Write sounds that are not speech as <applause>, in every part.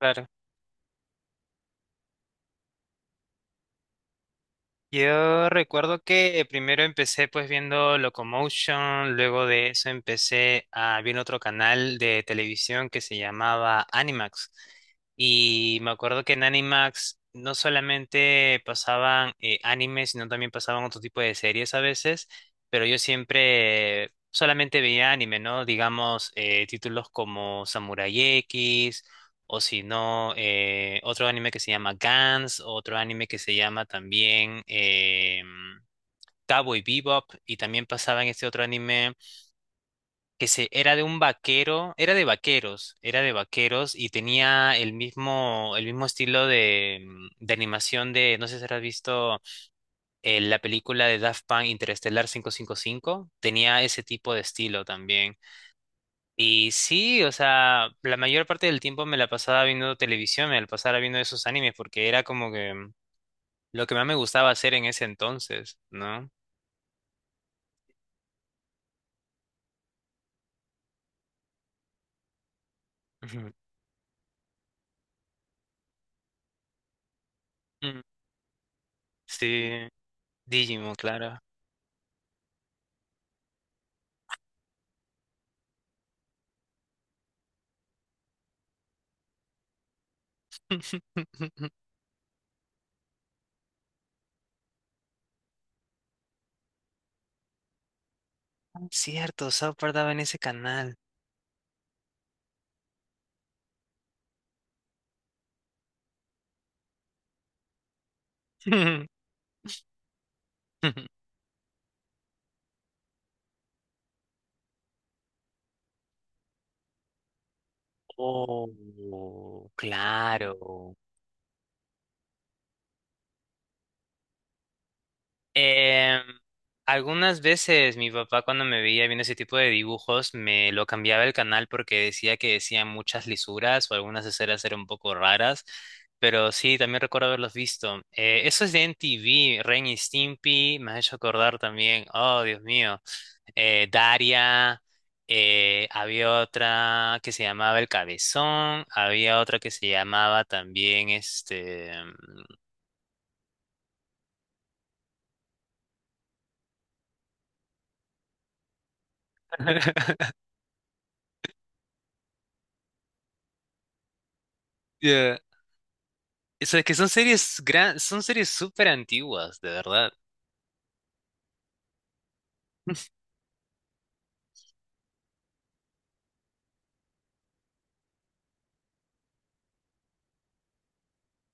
Claro. Yo recuerdo que primero empecé pues viendo Locomotion, luego de eso empecé a ver otro canal de televisión que se llamaba Animax. Y me acuerdo que en Animax no solamente pasaban animes, sino también pasaban otro tipo de series a veces, pero yo siempre solamente veía anime, ¿no? Digamos, títulos como Samurai X. O si no, otro anime que se llama Gans, otro anime que se llama también Cowboy Bebop, y también pasaba en este otro anime era de un vaquero, era de vaqueros y tenía el mismo estilo de, de animación de, no sé si has visto la película de Daft Punk Interestelar 555, tenía ese tipo de estilo también. Y sí, o sea, la mayor parte del tiempo me la pasaba viendo televisión, me la pasaba viendo esos animes, porque era como que lo que más me gustaba hacer en ese entonces, ¿no? Ujú. Mm. Sí. Digimon, claro. <laughs> Cierto, South Park daba en ese canal. <laughs> Oh, claro. Em, algunas veces mi papá cuando me veía viendo ese tipo de dibujos me lo cambiaba el canal porque decía que decían muchas lisuras o algunas escenas eran un poco raras, pero sí, también recuerdo haberlos visto. Eso es de MTV, Ren y Stimpy, me ha hecho acordar también, oh Dios mío, Daria, había otra que se llamaba El Cabezón, había otra que se llamaba también. <laughs> Yeah. Eso es que son series súper antiguas, de verdad.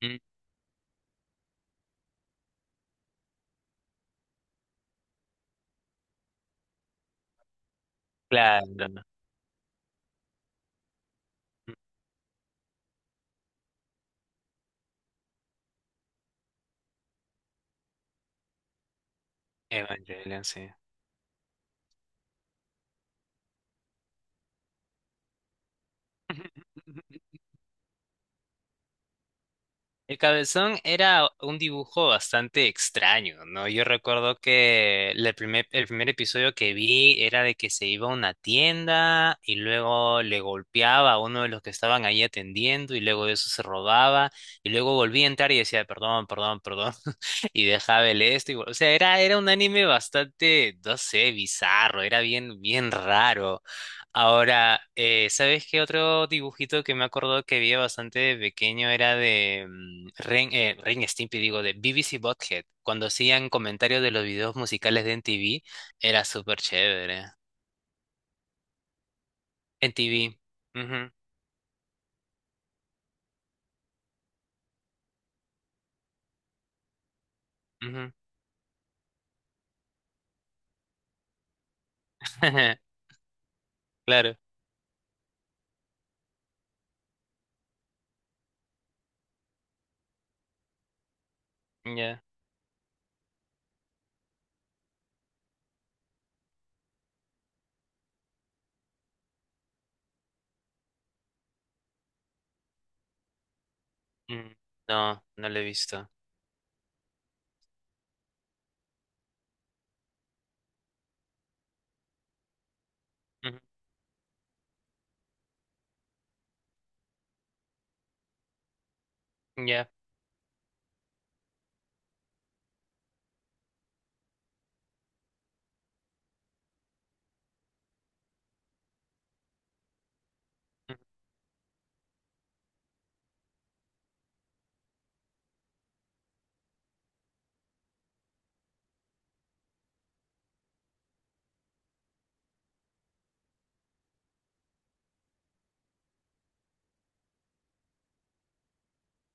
Mm. Claro. Evangelion, sí. <laughs> El cabezón era un dibujo bastante extraño, ¿no? Yo recuerdo que el primer episodio que vi era de que se iba a una tienda y luego le golpeaba a uno de los que estaban ahí atendiendo y luego de eso se robaba y luego volvía a entrar y decía, perdón, perdón, perdón, <laughs> y dejaba el esto. O sea, era un anime bastante, no sé, bizarro, era bien, bien raro. Ahora, ¿sabes qué otro dibujito que me acuerdo que vi bastante de pequeño era de Ren, Ren y Stimpy, digo, de BBC Bothead? Cuando hacían comentarios de los videos musicales de MTV, era súper chévere. MTV. Ujú, ujú. <laughs> Claro, ya. Mm. No, no lo he visto. Ujú. Ya. Mm.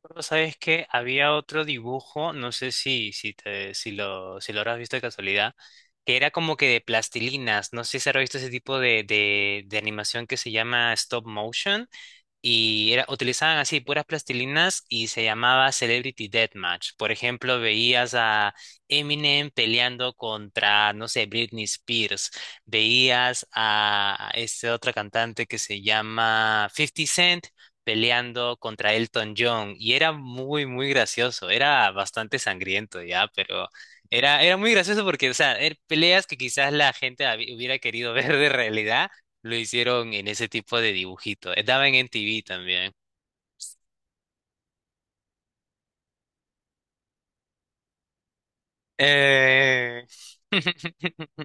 Pero sabes que había otro dibujo, no sé si lo habrás visto de casualidad, que era como que de plastilinas. No sé si habrás visto ese tipo de animación que se llama stop motion. Utilizaban así puras plastilinas y se llamaba Celebrity Deathmatch. Por ejemplo, veías a Eminem peleando contra, no sé, Britney Spears. Veías a este otro cantante que se llama Fifty Cent peleando contra Elton John. Y era muy, muy gracioso. Era bastante sangriento ya, pero era muy gracioso porque, o sea, peleas que quizás la gente hubiera querido <laughs> ver de realidad lo hicieron en ese tipo de dibujito. Daban en TV también. Eh, <laughs>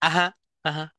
Ajá, ajá.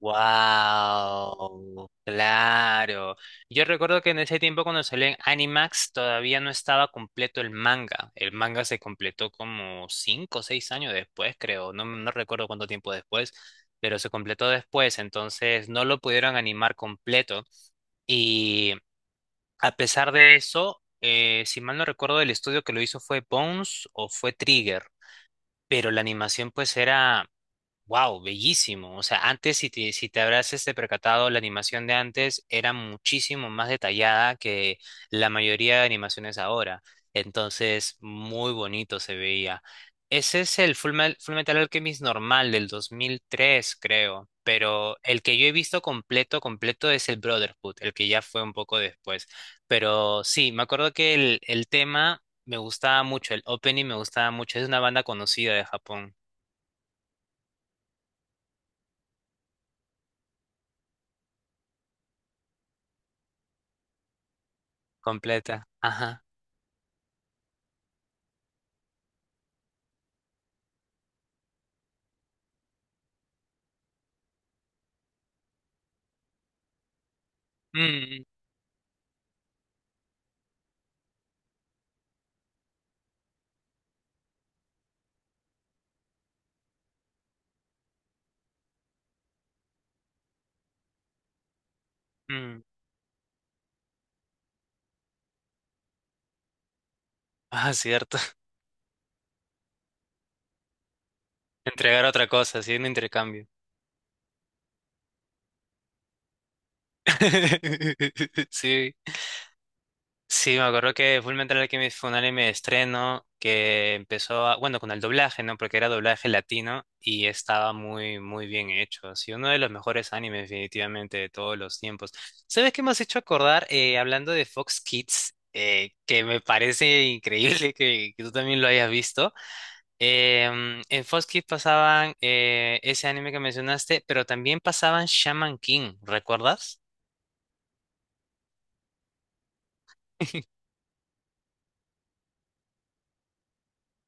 Wow, claro. Yo recuerdo que en ese tiempo cuando salió en Animax todavía no estaba completo el manga. El manga se completó como 5 o 6 años después, creo. No, no recuerdo cuánto tiempo después, pero se completó después. Entonces no lo pudieron animar completo. Y, a pesar de eso, si mal no recuerdo, el estudio que lo hizo fue Bones o fue Trigger, pero la animación pues era wow, bellísimo. O sea, antes, si te habrás este percatado, la animación de antes era muchísimo más detallada que la mayoría de animaciones ahora. Entonces, muy bonito se veía. Ese es el Full Metal Alchemist normal del 2003, creo. Pero el que yo he visto completo, completo es el Brotherhood, el que ya fue un poco después. Pero sí, me acuerdo que el tema me gustaba mucho, el opening me gustaba mucho. Es una banda conocida de Japón, completa. Ajá. Mm, mm. Ah, cierto. <laughs> Entregar otra cosa, así un intercambio. <laughs> Sí, sí, me acuerdo que Full Metal Alchemist fue un anime de estreno que empezó, bueno, con el doblaje, ¿no? Porque era doblaje latino y estaba muy, muy bien hecho. Sí, uno de los mejores animes definitivamente de todos los tiempos. ¿Sabes qué me has hecho acordar? Hablando de Fox Kids, que me parece <laughs> increíble que, tú también lo hayas visto. En Fox Kids pasaban ese anime que mencionaste, pero también pasaban Shaman King, ¿recuerdas?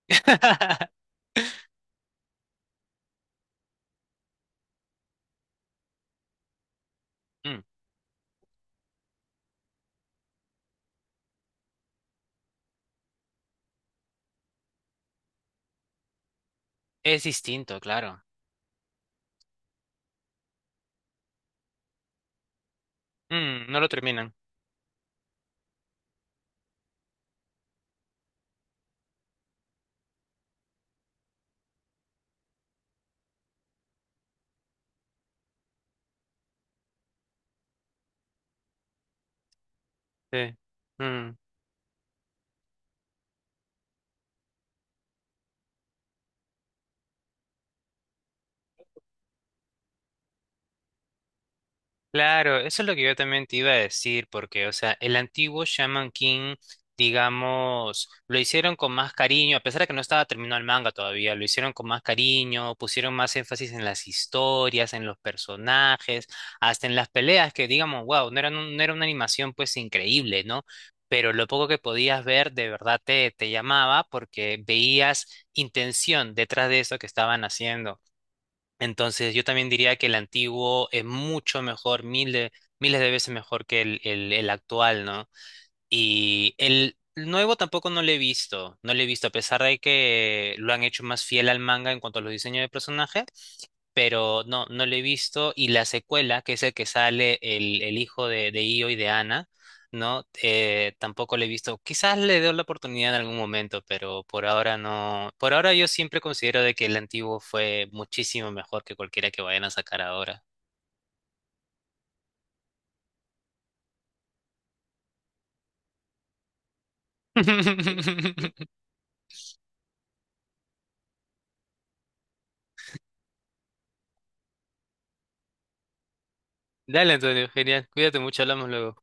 <laughs> Mm, es distinto, claro. Mm, no lo terminan. Sí. Mm. Claro, eso es lo que yo también te iba a decir, porque, o sea, el antiguo Shaman King, digamos, lo hicieron con más cariño, a pesar de que no estaba terminado el manga todavía, lo hicieron con más cariño, pusieron más énfasis en las historias, en los personajes, hasta en las peleas, que digamos, wow, no era, no era una animación pues increíble, ¿no? Pero lo poco que podías ver de verdad te llamaba porque veías intención detrás de eso que estaban haciendo. Entonces, yo también diría que el antiguo es mucho mejor, miles, miles de veces mejor que el actual, ¿no? Y el nuevo tampoco no lo he visto, no lo he visto, a pesar de que lo han hecho más fiel al manga en cuanto a los diseños de personajes, pero no, no lo he visto. Y la secuela, que es el que sale el hijo de Io y de Ana, ¿no? Tampoco lo he visto. Quizás le dé la oportunidad en algún momento, pero por ahora no. Por ahora yo siempre considero de que el antiguo fue muchísimo mejor que cualquiera que vayan a sacar ahora. <laughs> Dale, Antonio, genial. Cuídate mucho, hablamos luego.